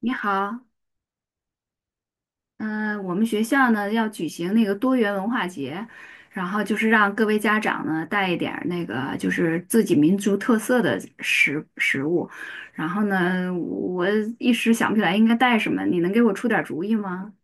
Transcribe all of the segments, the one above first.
你好，嗯、我们学校呢要举行那个多元文化节，然后就是让各位家长呢带一点儿那个就是自己民族特色的食物，然后呢，我一时想不起来应该带什么，你能给我出点儿主意吗？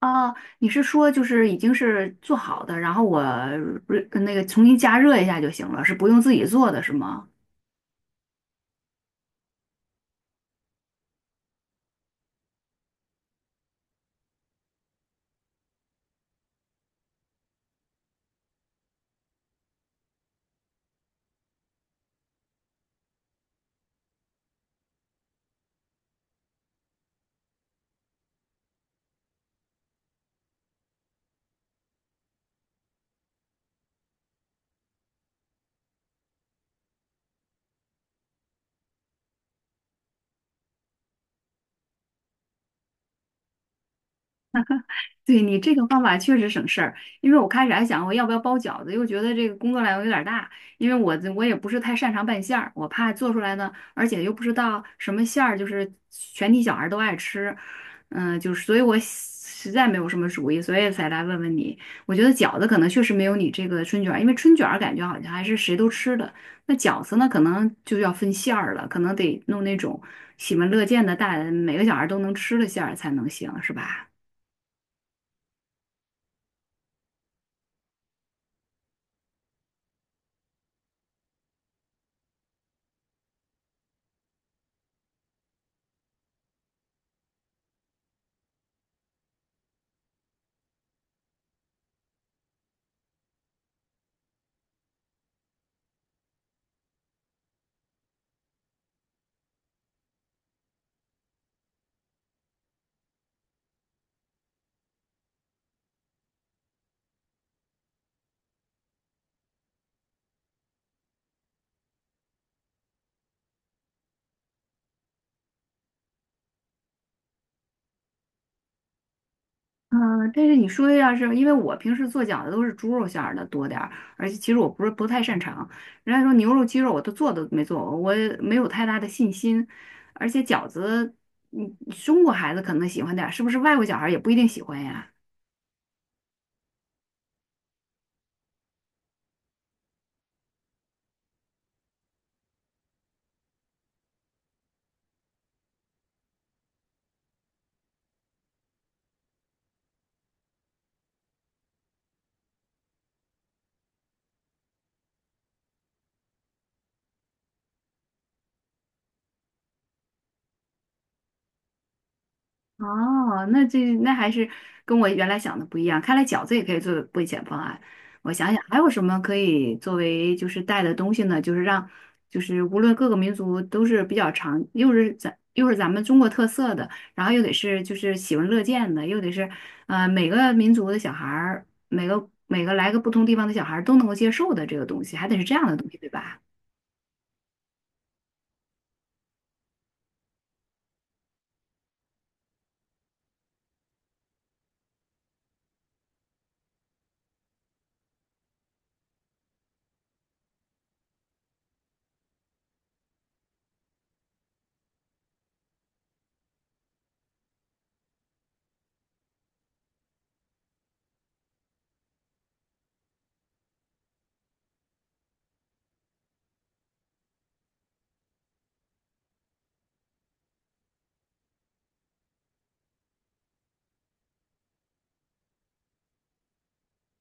哦，你是说就是已经是做好的，然后我重新加热一下就行了，是不用自己做的是吗？对你这个方法确实省事儿，因为我开始还想我要不要包饺子，又觉得这个工作量有点儿大，因为我也不是太擅长拌馅儿，我怕做出来呢，而且又不知道什么馅儿就是全体小孩儿都爱吃，就是所以我实在没有什么主意，所以才来问问你。我觉得饺子可能确实没有你这个春卷儿因为春卷儿感觉好像还是谁都吃的，那饺子呢可能就要分馅儿了，可能得弄那种喜闻乐见的大，每个小孩儿都能吃的馅儿才能行，是吧？嗯，但是你说的要是，因为我平时做饺子都是猪肉馅儿的多点儿，而且其实我不是不太擅长。人家说牛肉、鸡肉我都没做过，我也没有太大的信心。而且饺子，嗯，中国孩子可能喜欢点儿，是不是外国小孩儿也不一定喜欢呀？哦，那这那还是跟我原来想的不一样。看来饺子也可以作为备选方案。我想想还有什么可以作为就是带的东西呢？就是让就是无论各个民族都是比较常，又是咱们中国特色的，然后又得是就是喜闻乐见的，又得是每个民族的小孩儿，每个来个不同地方的小孩儿都能够接受的这个东西，还得是这样的东西，对吧？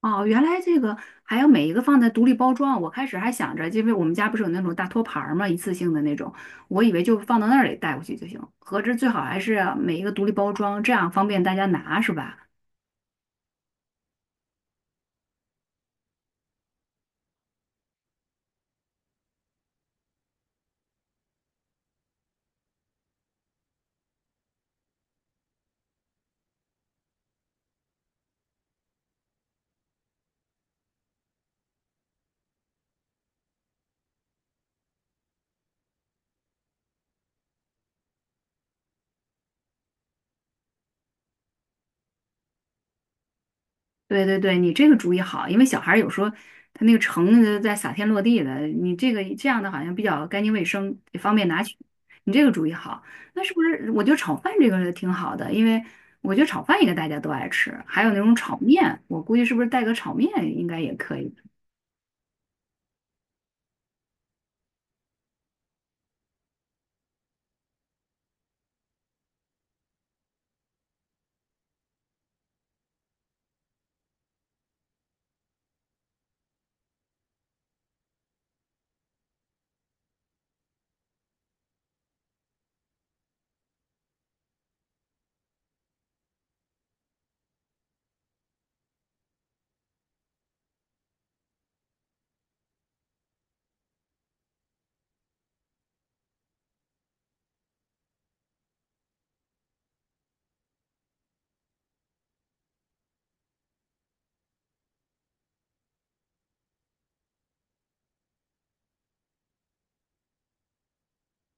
哦，原来这个还要每一个放在独立包装。我开始还想着，因为我们家不是有那种大托盘儿嘛，一次性的那种，我以为就放到那里带过去就行。合着最好还是每一个独立包装，这样方便大家拿，是吧？对对对，你这个主意好，因为小孩儿有时候他那个盛的在撒天落地的，你这个这样的好像比较干净卫生，也方便拿取。你这个主意好，那是不是我觉得炒饭这个挺好的？因为我觉得炒饭应该大家都爱吃，还有那种炒面，我估计是不是带个炒面应该也可以。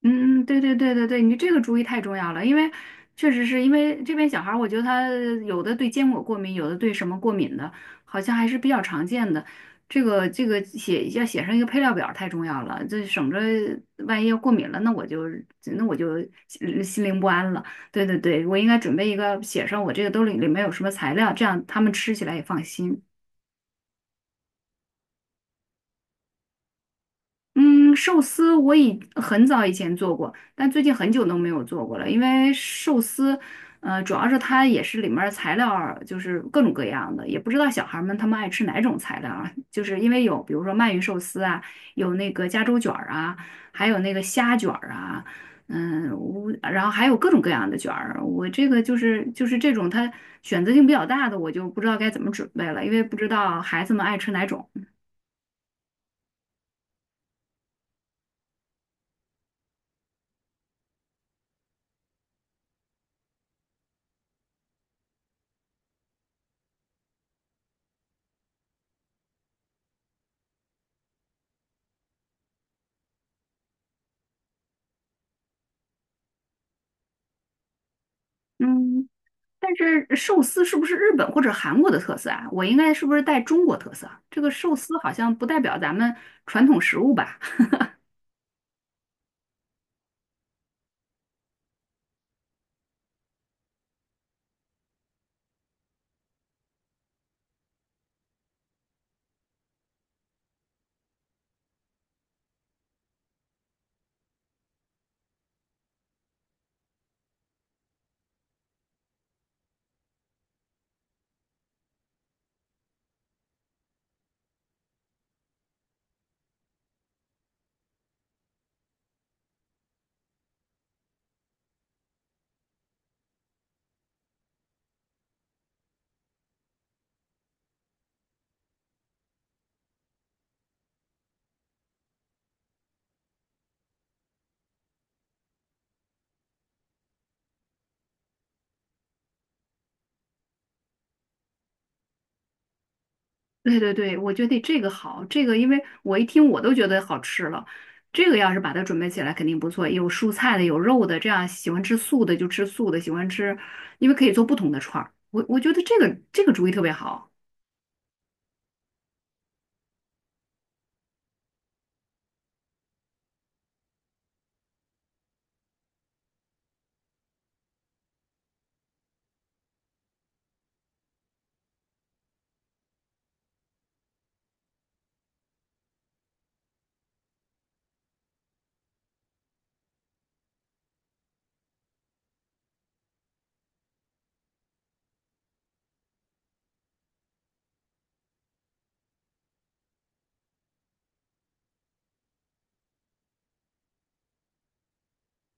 嗯嗯，对对对对对，你这个主意太重要了，因为确实是因为这边小孩儿，我觉得他有的对坚果过敏，有的对什么过敏的，好像还是比较常见的。这个写要写上一个配料表儿太重要了，这省着万一要过敏了，那我就心灵不安了。对对对，我应该准备一个写上我这个兜里里面有什么材料，这样他们吃起来也放心。嗯，寿司我以很早以前做过，但最近很久都没有做过了，因为寿司，呃，主要是它也是里面儿材料儿就是各种各样的，也不知道小孩儿们他们爱吃哪种材料啊，就是因为有比如说鳗鱼寿司啊，有那个加州卷儿啊，还有那个虾卷儿啊，嗯，我然后还有各种各样的卷儿，我这个就是这种它选择性比较大的，我就不知道该怎么准备了，因为不知道孩子们爱吃哪种。嗯。但是寿司是不是日本或者韩国的特色啊？我应该是不是带中国特色啊？这个寿司好像不代表咱们传统食物吧？对对对，我觉得这个好，这个因为我一听我都觉得好吃了。这个要是把它准备起来肯定不错，有蔬菜的，有肉的，这样喜欢吃素的就吃素的，喜欢吃，因为可以做不同的串儿。我觉得这个主意特别好。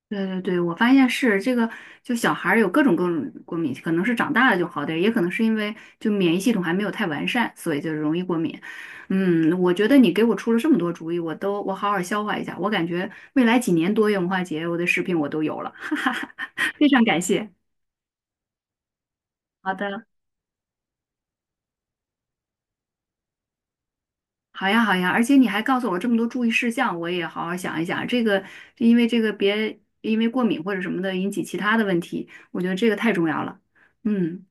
对对对，我发现是这个，就小孩儿有各种各种过敏，可能是长大了就好点儿，也可能是因为就免疫系统还没有太完善，所以就容易过敏。嗯，我觉得你给我出了这么多主意，我好好消化一下。我感觉未来几年多元文化节，我的视频我都有了，哈哈哈，非常感谢。好的，好呀好呀，而且你还告诉我这么多注意事项，我也好好想一想。这个因为这个别因为过敏或者什么的引起其他的问题，我觉得这个太重要了。嗯。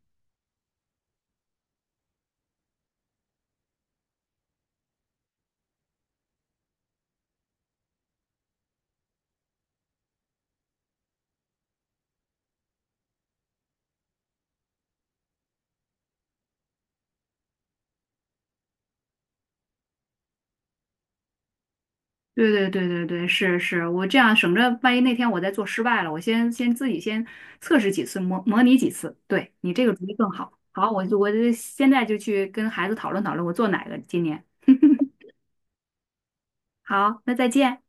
对对对对对，是是，我这样省着，万一那天我再做失败了，我先自己先测试几次，模拟几次。对你这个主意更好。好，我就现在就去跟孩子讨论讨论，我做哪个今年。好，那再见。